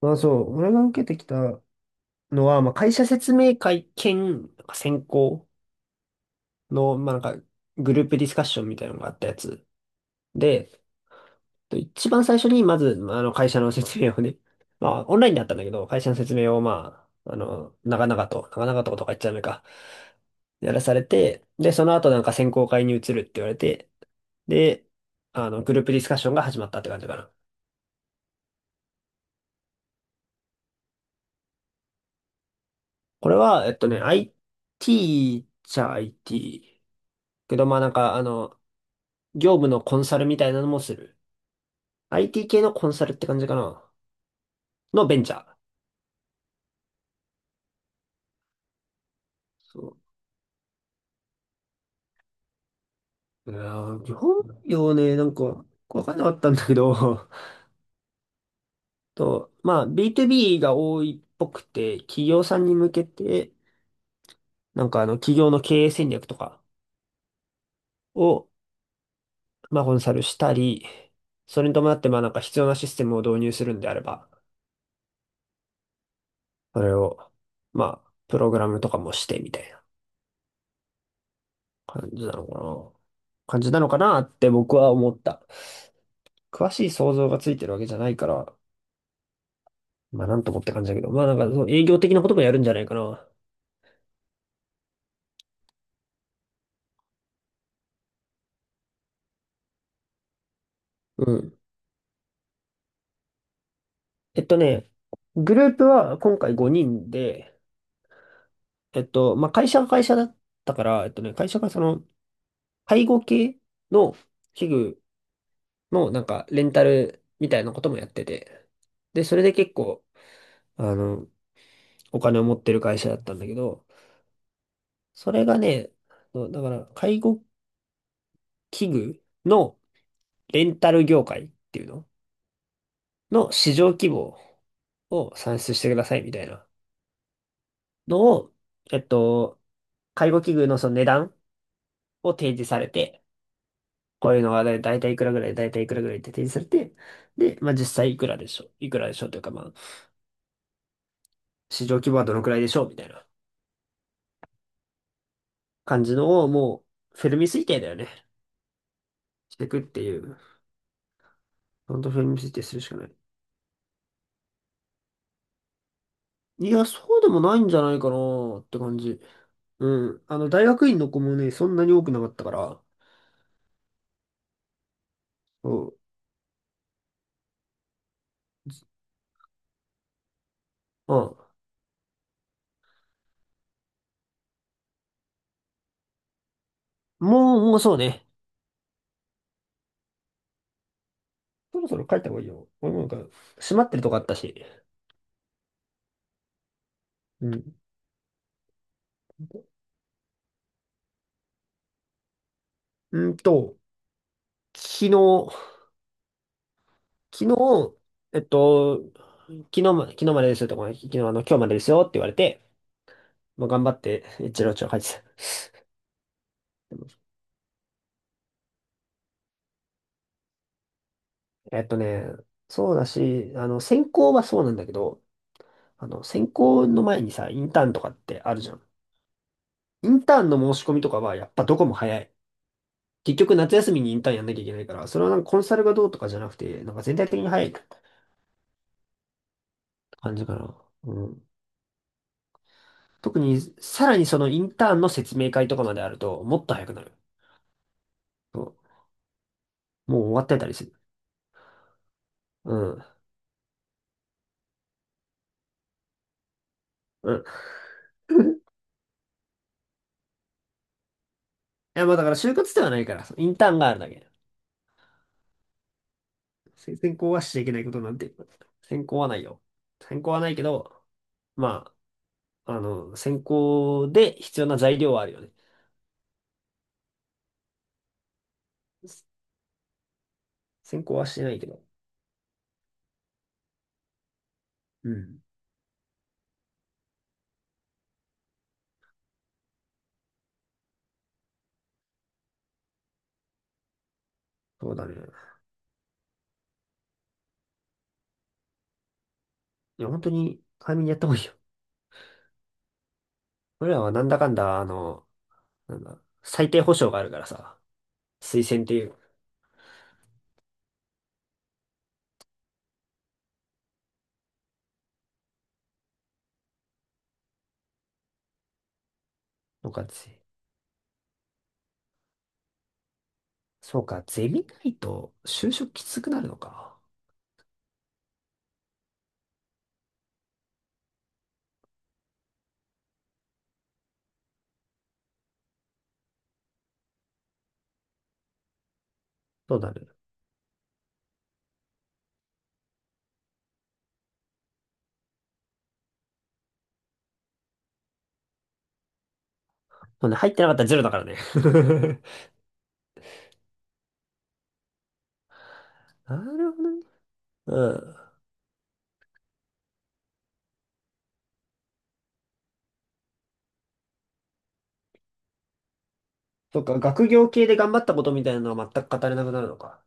まあそう、俺が受けてきたのは、まあ会社説明会兼、なんか選考の、まあなんかグループディスカッションみたいなのがあったやつ。で、一番最初にまず、まあ会社の説明をね、まあオンラインだったんだけど、会社の説明を長々と、長々ととか言っちゃダメか、やらされて、で、その後なんか選考会に移るって言われて、で、グループディスカッションが始まったって感じかな。これは、IT じゃ IT。けど、業務のコンサルみたいなのもする。IT 系のコンサルって感じかな。のベンチャー。そう。業務用ね、わかんなかったんだけど、と、まあ、B2B が多いっぽくて、企業さんに向けて、企業の経営戦略とかを、まあ、コンサルしたり、それに伴って、必要なシステムを導入するんであれば、それを、まあ、プログラムとかもしてみたいな感じなのかな。感じなのかなって僕は思った。詳しい想像がついてるわけじゃないから、まあなんともって感じだけど、まあなんかその営業的なこともやるんじゃないかな。うん。えっとね、グループは今回5人で、まあ会社が会社だったから、えっとね、会社がその介護系の器具のなんかレンタルみたいなこともやってて、で、それで結構、あの、お金を持ってる会社だったんだけど、それがね、そうだから介護器具のレンタル業界っていうのの市場規模を算出してくださいみたいなのを、えっと、介護器具のその値段を提示されて、こういうのはだいたいいくらぐらい、だいたいいくらぐらいって提示されて、で、まあ実際いくらでしょう、いくらでしょうというか、まあ市場規模はどのくらいでしょうみたいな感じのをもうフェルミ推定だよね。していくっていう。ほんとフェルミ推定するしかない。いや、そうでもないんじゃないかなって感じ。うん。あの、大学院の子もね、そんなに多くなかったから、そう。うん。もうそうね。そろそろ帰った方がいいよ。俺もなんか、閉まってるとこあったし。うん。うんと、昨日、昨日、えっと、昨日までですよとか、昨日あの、今日までですよって言われて、まあ、頑張って、一郎長書いてた。えっとね、そうだし、専攻はそうなんだけど、専攻の前にさ、インターンとかってあるじゃん。インターンの申し込みとかは、やっぱどこも早い。結局夏休みにインターンやんなきゃいけないから、それはなんかコンサルがどうとかじゃなくて、なんか全体的に早い感じかな。うん。特に、さらにそのインターンの説明会とかまであると、もっと早くなる。そう。もう終わってたりする。うん。うん。いや、まあだから就活ではないから、インターンがあるだけ。せ専攻はしちゃいけないことなんて、専攻はないよ。専攻はないけど、まあ、専攻で必要な材料はあるよね。専攻はしてないけど。うん。そうだね。いや、本当に、早めにやった方がいいよ。俺らはなんだかんだ、最低保障があるからさ、推薦っていうのかって。そうか、ゼミないと就職きつくなるのか。そうなる。そうね、入ってなかったらゼロだからね。なるほどね。うん。そっか、学業系で頑張ったことみたいなのは全く語れなくなるのか。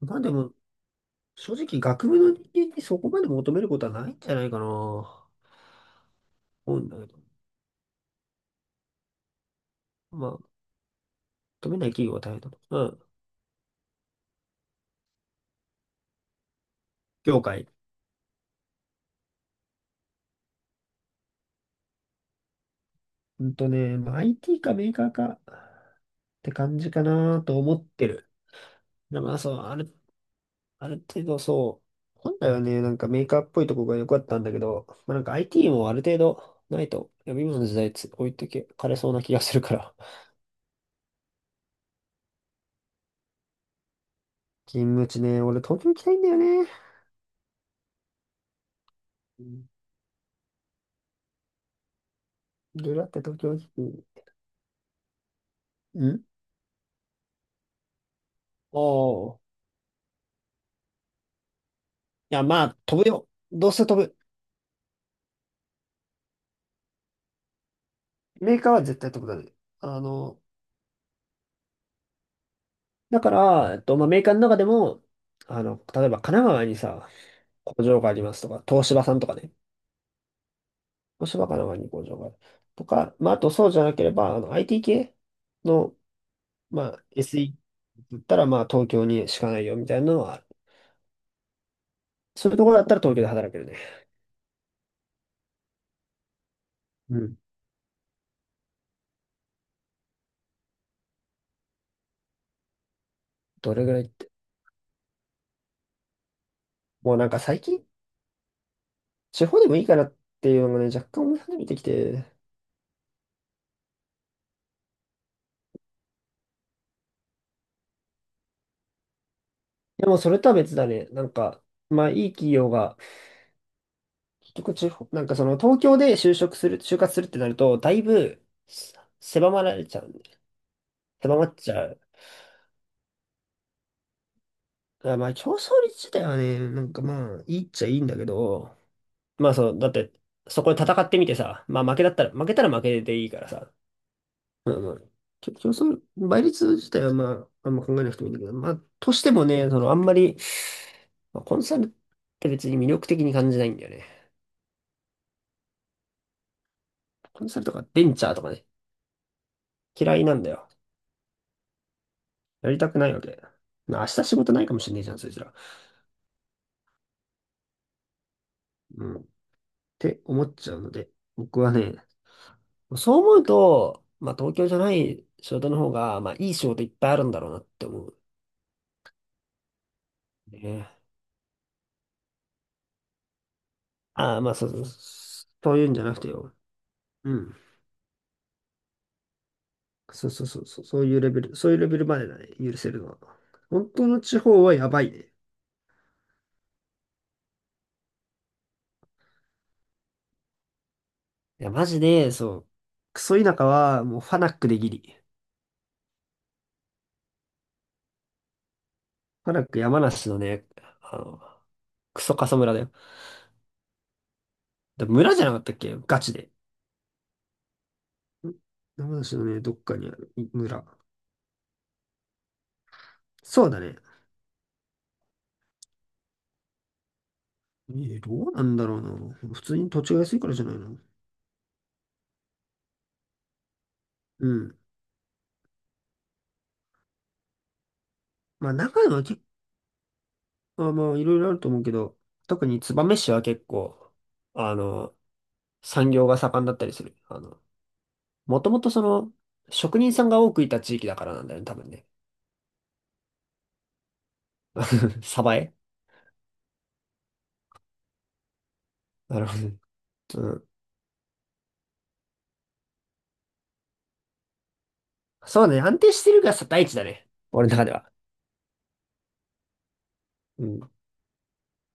まあでも、正直学部の人間にそこまで求めることはないんじゃないかな。思うんだけど。まあ、求めない企業は大変だと。うん。業界。うんとね、まあ、IT かメーカーかって感じかなと思ってる。でもまあ、そう、あるある程度そう、本来はね、なんかメーカーっぽいとこが良かったんだけど、まあ、なんか IT もある程度ないと、いやっぱ今の時代つ置いてけかれそうな気がするから。勤務地ね、俺東京行きたいんだよね。うん。いろいろあって東京行き、うん、おおー。いや、まあ、飛ぶよ。どうせ飛ぶ。メーカーは絶対飛ぶだね。あの、だから、えっと、まあ、メーカーの中でも、あの、例えば神奈川にさ、工場がありますとか、東芝さんとかね。そばかのがに工場がある。とか、まあ、あとそうじゃなければ、あの IT 系の、まあ、SE だったら、まあ、東京にしかないよみたいなのはある、そういうところだったら東京で働けるね。うん。どれぐらいって。もうなんか最近、地方でもいいかなっていうのがね、若干思い始めてきて。でもそれとは別だね。まあいい企業が、結局地方、なんかその東京で就職する、就活するってなると、だいぶせ狭まられちゃうんで、狭まっちゃう。あまあ、競争率自体はね、なんかまあ、いいっちゃいいんだけど、まあそう、だって、そこで戦ってみてさ、まあ負けだったら、負けたら負けでいいからさ、まあまあ、きょ競争、倍率自体はまあ、あんま考えなくてもいいんだけど、まあ、としてもね、その、あんまり、まあコンサルって別に魅力的に感じないんだよね。コンサルとかベンチャーとかね、嫌いなんだよ。やりたくないわけ。まあ明日仕事ないかもしれねえじゃん、そいつら。うん。って思っちゃうので、僕はね、そう思うと、まあ、東京じゃない仕事の方が、まあ、いい仕事いっぱいあるんだろうなって思うね。ああ、まあ、そうそう、そういうんじゃなくてよ。うん。そうそうそう、そうそういうレベルまでだね、許せるのは。本当の地方はやばいね。いや、マジで、そう。クソ田舎は、もう、ファナックでギリ。ファナック山梨のね、あの、クソ過疎村だよ。で村じゃなかったっけガチで。ん、山梨のね、どっかにあるい村。そうだね。え、どうなんだろうな。普通に土地が安いからじゃないの。うん。まあ、長野は結構、まあ、いろいろあると思うけど、特に燕市は結構、あの、産業が盛んだったりする。あの、もともとその、職人さんが多くいた地域だからなんだよね、多分ね。鯖江、なるほど。うん。そうね、安定してるが大地だね。俺の中では。うん